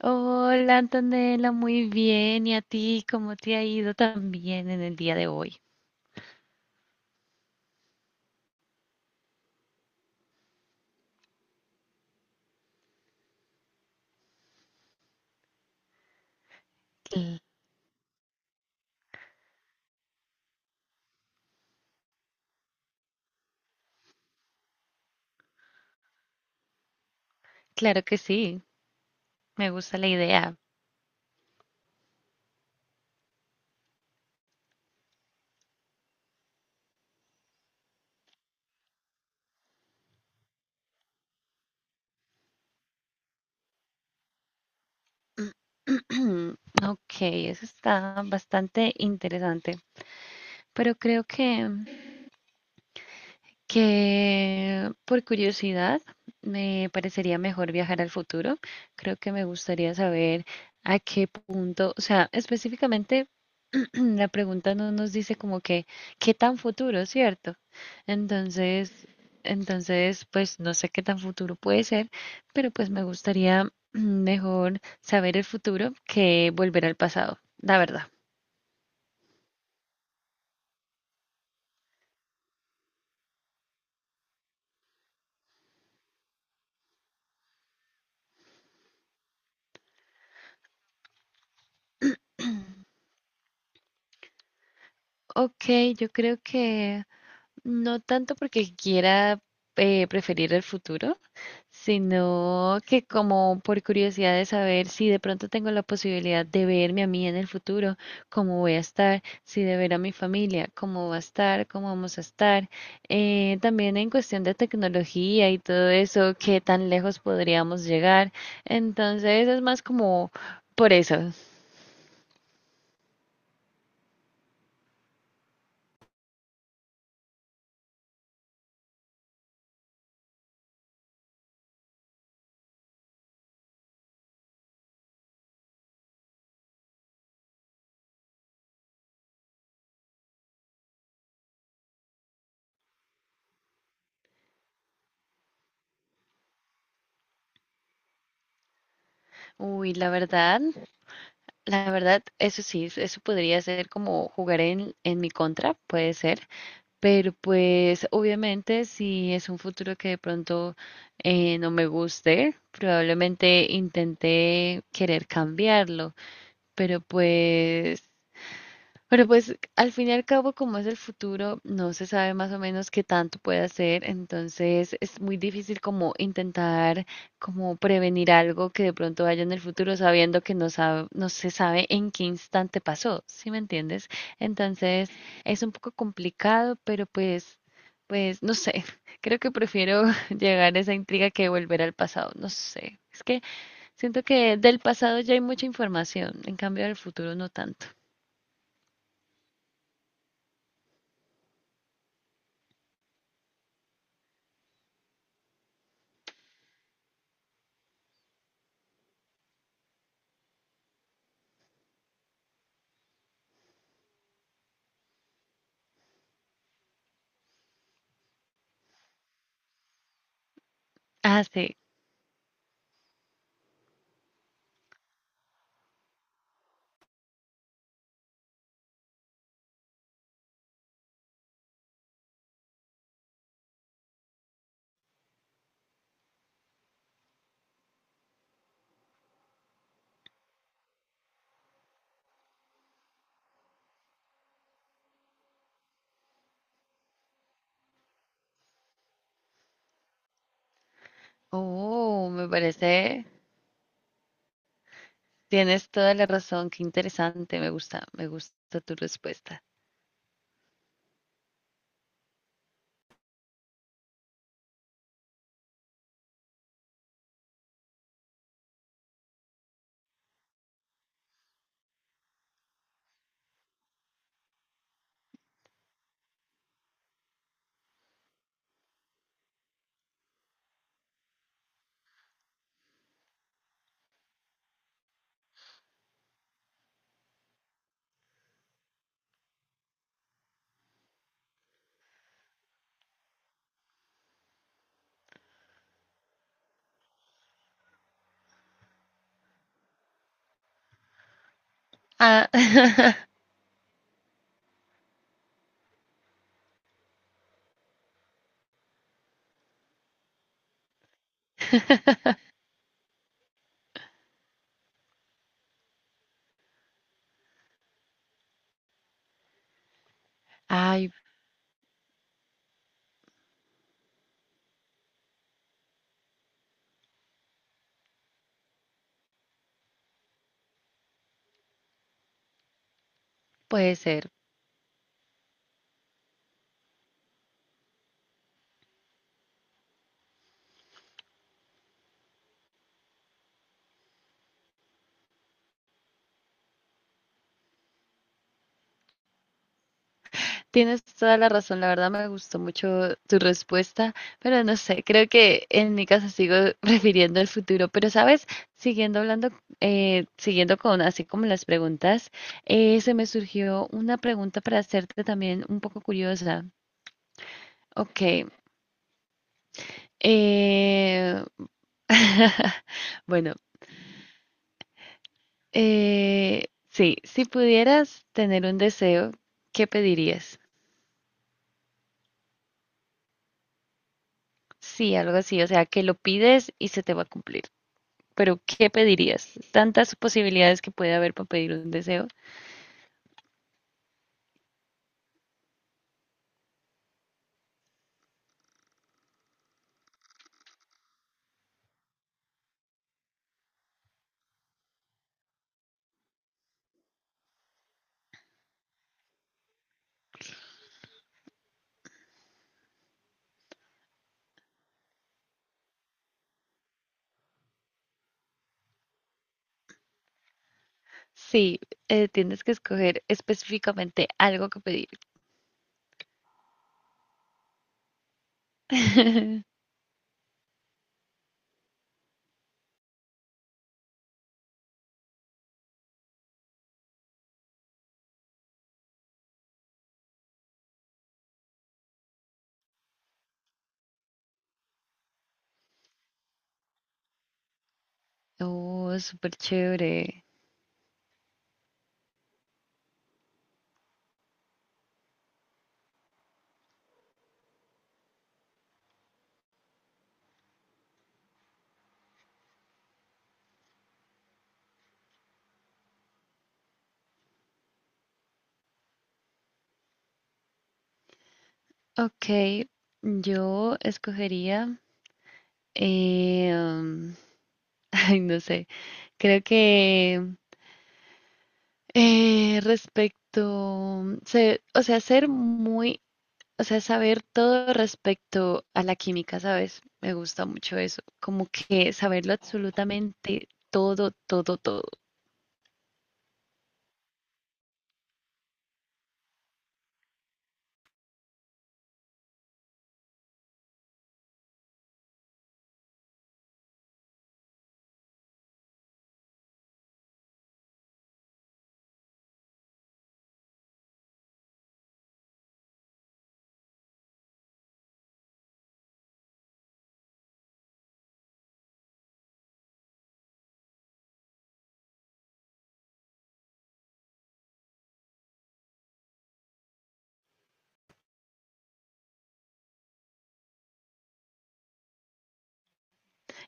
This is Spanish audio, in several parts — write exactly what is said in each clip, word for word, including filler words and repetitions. Hola Antonella, muy bien. ¿Y a ti cómo te ha ido también en el día de hoy? Claro que sí, me gusta la idea. Ok, eso está bastante interesante, pero creo que que por curiosidad me parecería mejor viajar al futuro. Creo que me gustaría saber a qué punto, o sea, específicamente la pregunta no nos dice como que qué tan futuro, ¿cierto? Entonces, entonces, pues no sé qué tan futuro puede ser, pero pues me gustaría mejor saber el futuro que volver al pasado, la verdad. Ok, yo creo que no tanto porque quiera eh, preferir el futuro, sino que como por curiosidad de saber si de pronto tengo la posibilidad de verme a mí en el futuro, cómo voy a estar, si de ver a mi familia, cómo va a estar, cómo vamos a estar. Eh, también en cuestión de tecnología y todo eso, qué tan lejos podríamos llegar. Entonces es más como... Por eso, uy, la verdad, la verdad, eso sí, eso podría ser como jugar en, en mi contra, puede ser. Pero pues obviamente si es un futuro que de pronto eh, no me guste, probablemente intenté querer cambiarlo, pero pues pero pues al fin y al cabo, como es el futuro, no se sabe más o menos qué tanto puede hacer, entonces es muy difícil como intentar como prevenir algo que de pronto vaya en el futuro sabiendo que no sabe, no se sabe en qué instante pasó, ¿sí me entiendes? Entonces es un poco complicado, pero pues, pues no sé, creo que prefiero llegar a esa intriga que volver al pasado, no sé. Es que siento que del pasado ya hay mucha información, en cambio del futuro no tanto. Ah, sí. Oh, me parece, tienes toda la razón, qué interesante, me gusta, me gusta tu respuesta. Ah, ay, puede ser. Tienes toda la razón, la verdad me gustó mucho tu respuesta, pero no sé, creo que en mi caso sigo refiriendo al futuro, pero sabes, siguiendo hablando, eh, siguiendo con así como las preguntas, eh, se me surgió una pregunta para hacerte también un poco curiosa. Ok, eh, bueno, eh, sí, si pudieras tener un deseo, ¿qué pedirías? Sí, algo así, o sea, que lo pides y se te va a cumplir. Pero, ¿qué pedirías? Tantas posibilidades que puede haber para pedir un deseo. Sí, eh, tienes que escoger específicamente algo que pedir. Oh, súper chévere. Ok, yo escogería, eh, um, ay, no sé, creo que Eh, respecto, se- o sea, ser muy, o sea, saber todo respecto a la química, ¿sabes? Me gusta mucho eso, como que saberlo absolutamente todo, todo, todo.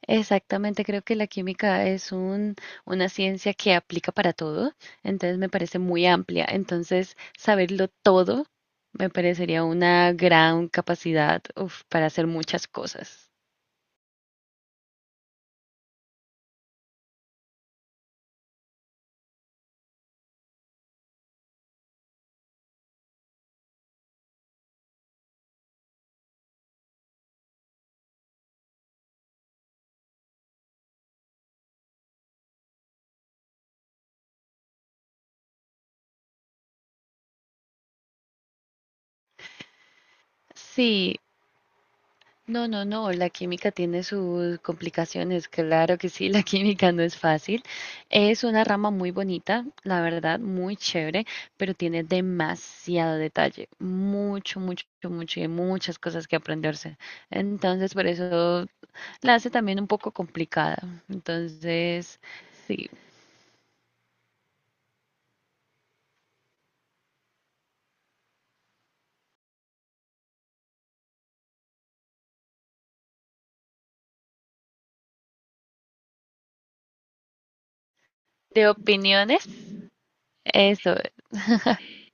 Exactamente, creo que la química es un, una ciencia que aplica para todo, entonces me parece muy amplia, entonces saberlo todo me parecería una gran capacidad, uf, para hacer muchas cosas. Sí, no, no, no, la química tiene sus complicaciones, claro que sí, la química no es fácil. Es una rama muy bonita, la verdad, muy chévere, pero tiene demasiado detalle, mucho, mucho, mucho y muchas cosas que aprenderse. Entonces, por eso la hace también un poco complicada. Entonces, sí, de opiniones, eso.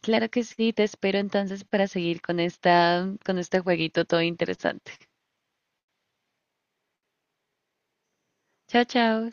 Claro que sí, te espero entonces para seguir con esta, con este jueguito todo interesante. Chao, chao.